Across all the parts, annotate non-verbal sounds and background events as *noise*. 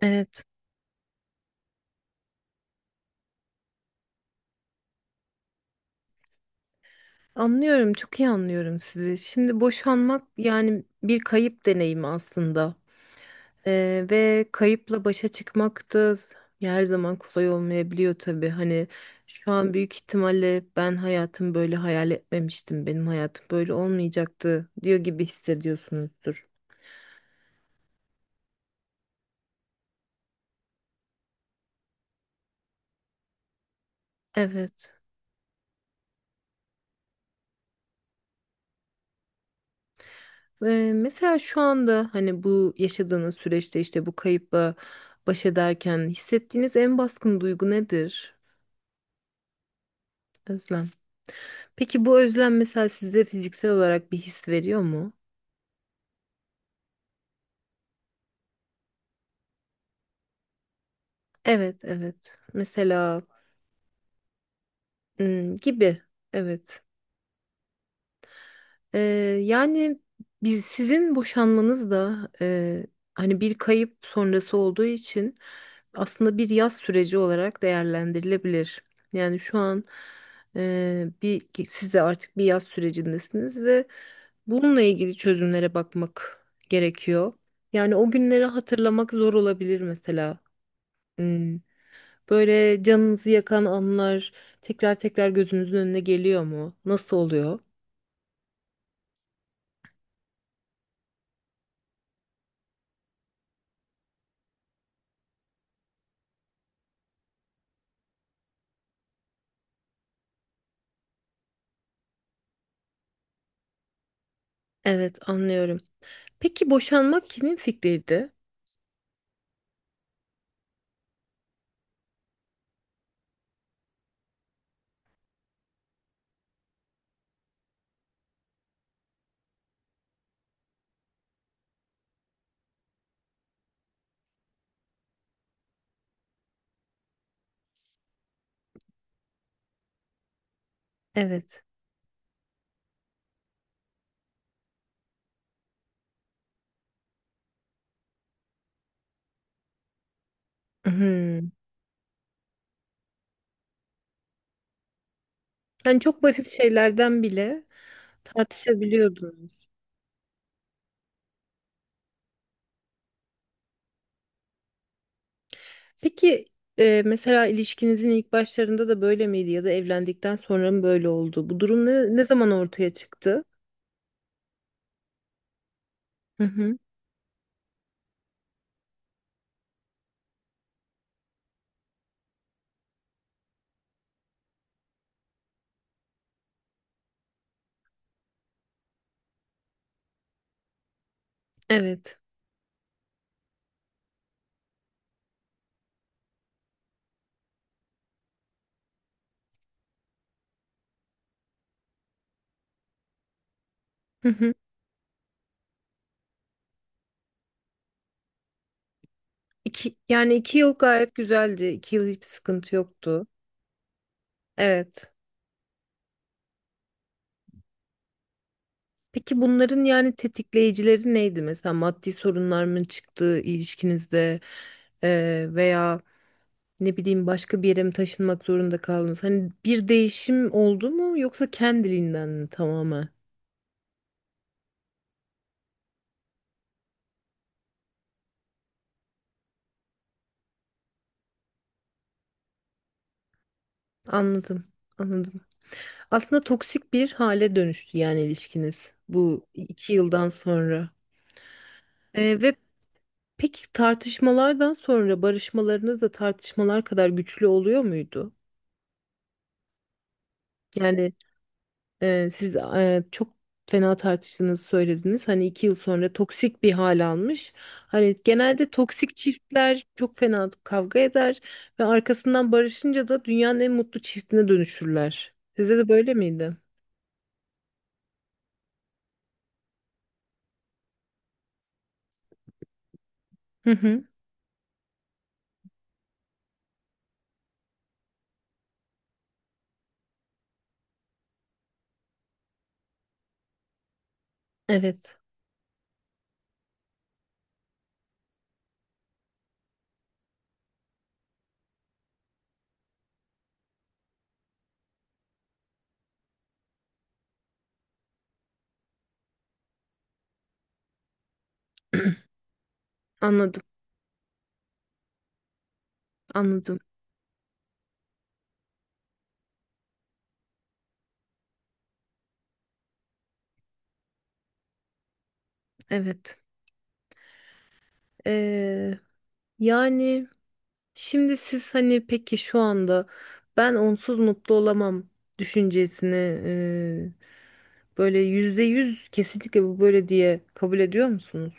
Evet, anlıyorum, çok iyi anlıyorum sizi. Şimdi boşanmak yani bir kayıp deneyimi aslında. Ve kayıpla başa çıkmak da her zaman kolay olmayabiliyor tabii. Hani şu an büyük ihtimalle ben hayatım böyle hayal etmemiştim, benim hayatım böyle olmayacaktı diyor gibi hissediyorsunuzdur. Evet. Ve mesela şu anda hani bu yaşadığınız süreçte işte bu kayıpla baş ederken hissettiğiniz en baskın duygu nedir? Özlem. Peki bu özlem mesela size fiziksel olarak bir his veriyor mu? Evet, evet. Mesela hmm, gibi. Evet. Ee, Yani biz sizin boşanmanız da hani bir kayıp sonrası olduğu için aslında bir yaz süreci olarak değerlendirilebilir. Yani şu an bir ki siz de artık bir yaz sürecindesiniz ve bununla ilgili çözümlere bakmak gerekiyor. Yani o günleri hatırlamak zor olabilir mesela. Hmm, Böyle canınızı yakan anlar tekrar tekrar gözünüzün önüne geliyor mu? Nasıl oluyor? Evet, anlıyorum. Peki boşanmak kimin fikriydi? Evet. Hmm. Yani çok basit şeylerden bile tartışabiliyordunuz. Peki mesela ilişkinizin ilk başlarında da böyle miydi ya da evlendikten sonra mı böyle oldu? Bu durum ne zaman ortaya çıktı? Hı hı. Evet. Hı hı. Yani iki yıl gayet güzeldi. 2 yıl hiçbir sıkıntı yoktu. Evet. Peki bunların yani tetikleyicileri neydi? Mesela maddi sorunlar mı çıktı ilişkinizde veya ne bileyim başka bir yere mi taşınmak zorunda kaldınız? Hani bir değişim oldu mu yoksa kendiliğinden mi tamamen? Anladım, anladım. Aslında toksik bir hale dönüştü yani ilişkiniz bu 2 yıldan sonra. Ve peki tartışmalardan sonra barışmalarınız da tartışmalar kadar güçlü oluyor muydu? Yani siz çok fena tartıştığınızı söylediniz. Hani iki yıl sonra toksik bir hal almış. Hani genelde toksik çiftler çok fena kavga eder ve arkasından barışınca da dünyanın en mutlu çiftine dönüşürler. Size de böyle miydi? Hı hı. Evet. *clears throat* Anladım, anladım. Evet. Ee, Yani. Şimdi siz hani peki şu anda ben onsuz mutlu olamam düşüncesini böyle %100 kesinlikle bu böyle diye kabul ediyor musunuz?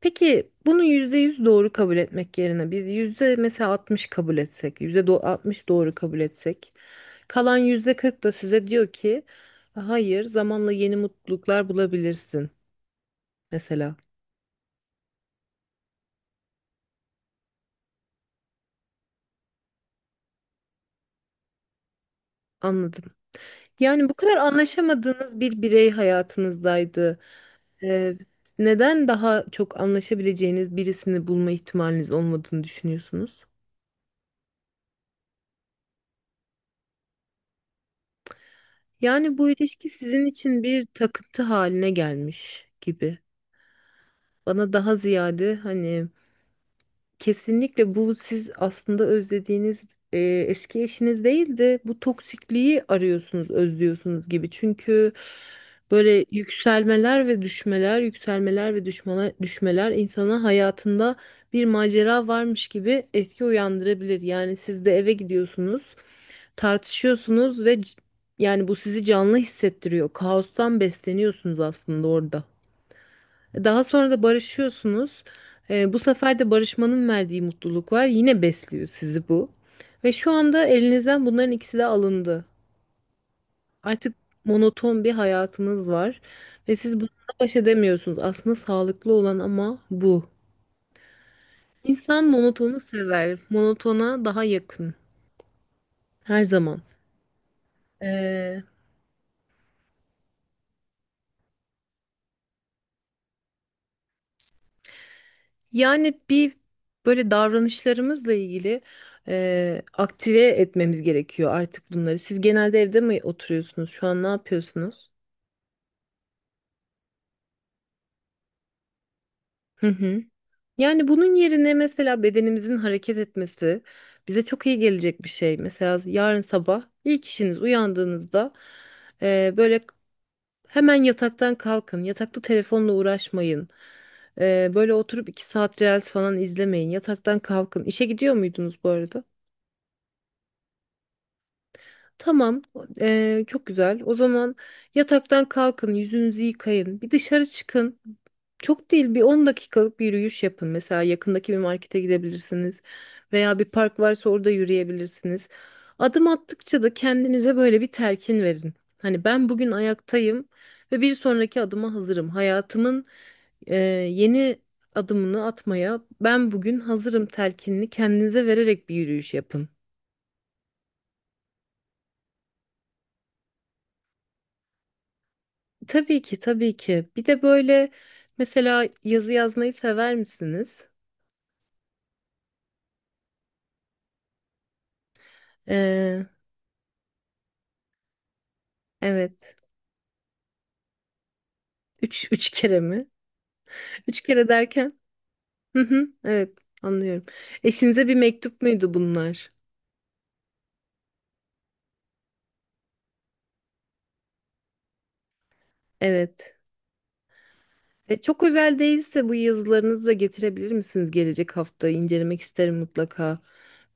Peki bunu %100 doğru kabul etmek yerine biz yüzde mesela 60 kabul etsek, yüzde 60 doğru kabul etsek, kalan %40 da size diyor ki hayır zamanla yeni mutluluklar bulabilirsin mesela. Anladım. Yani bu kadar anlaşamadığınız bir birey hayatınızdaydı. Ee, Neden daha çok anlaşabileceğiniz birisini bulma ihtimaliniz olmadığını düşünüyorsunuz? Yani bu ilişki sizin için bir takıntı haline gelmiş gibi. Bana daha ziyade hani kesinlikle bu siz aslında özlediğiniz e, eski eşiniz değil de bu toksikliği arıyorsunuz, özlüyorsunuz gibi. Çünkü böyle yükselmeler ve düşmeler, yükselmeler ve düşmeler, düşmeler insana hayatında bir macera varmış gibi etki uyandırabilir. Yani siz de eve gidiyorsunuz, tartışıyorsunuz ve yani bu sizi canlı hissettiriyor. Kaostan besleniyorsunuz aslında orada. Daha sonra da barışıyorsunuz. Bu sefer de barışmanın verdiği mutluluk var. Yine besliyor sizi bu. Ve şu anda elinizden bunların ikisi de alındı. Artık monoton bir hayatınız var. Ve siz bununla baş edemiyorsunuz. Aslında sağlıklı olan ama bu. İnsan monotonu sever. Monotona daha yakın. Her zaman. Ee, Yani bir böyle davranışlarımızla ilgili aktive etmemiz gerekiyor artık bunları. Siz genelde evde mi oturuyorsunuz? Şu an ne yapıyorsunuz? Hı hı. Yani bunun yerine mesela bedenimizin hareket etmesi bize çok iyi gelecek bir şey. Mesela yarın sabah ilk işiniz uyandığınızda böyle hemen yataktan kalkın. Yatakta telefonla uğraşmayın. Böyle oturup 2 saat reels falan izlemeyin. Yataktan kalkın. İşe gidiyor muydunuz bu arada? Tamam, çok güzel. O zaman yataktan kalkın, yüzünüzü yıkayın, bir dışarı çıkın. Çok değil, bir 10 dakikalık bir yürüyüş yapın. Mesela yakındaki bir markete gidebilirsiniz veya bir park varsa orada yürüyebilirsiniz. Adım attıkça da kendinize böyle bir telkin verin. Hani ben bugün ayaktayım ve bir sonraki adıma hazırım. Hayatımın eee, yeni adımını atmaya ben bugün hazırım telkinini kendinize vererek bir yürüyüş yapın. Tabii ki tabii ki. Bir de böyle mesela yazı yazmayı sever misiniz? Ee, evet. Üç kere mi? *laughs* Üç kere derken? Hı hı, evet anlıyorum. Eşinize bir mektup muydu bunlar? Evet. Çok özel değilse bu yazılarınızı da getirebilir misiniz gelecek hafta? İncelemek isterim mutlaka.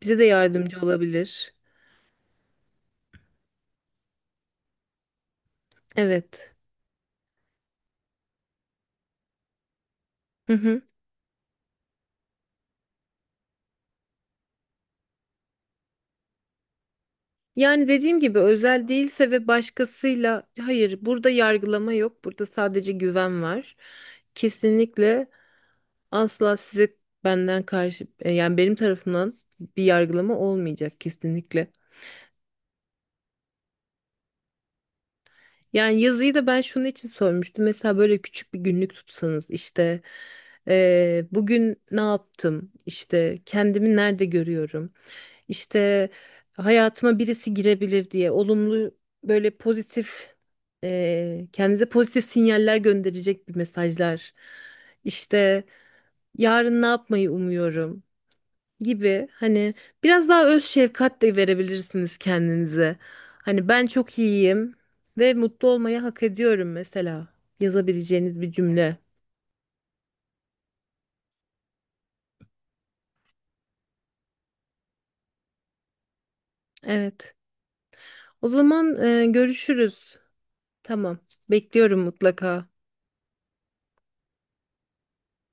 Bize de yardımcı olabilir. Evet. Hı hı. Yani dediğim gibi özel değilse ve başkasıyla hayır burada yargılama yok. Burada sadece güven var. Kesinlikle asla size benden karşı yani benim tarafımdan bir yargılama olmayacak kesinlikle. Yani yazıyı da ben şunun için sormuştum. Mesela böyle küçük bir günlük tutsanız işte bugün ne yaptım? İşte kendimi nerede görüyorum? İşte hayatıma birisi girebilir diye olumlu böyle pozitif kendinize pozitif sinyaller gönderecek bir mesajlar. İşte yarın ne yapmayı umuyorum gibi hani biraz daha öz şefkat de verebilirsiniz kendinize. Hani ben çok iyiyim ve mutlu olmayı hak ediyorum mesela yazabileceğiniz bir cümle. Evet. O zaman görüşürüz. Tamam. Bekliyorum mutlaka.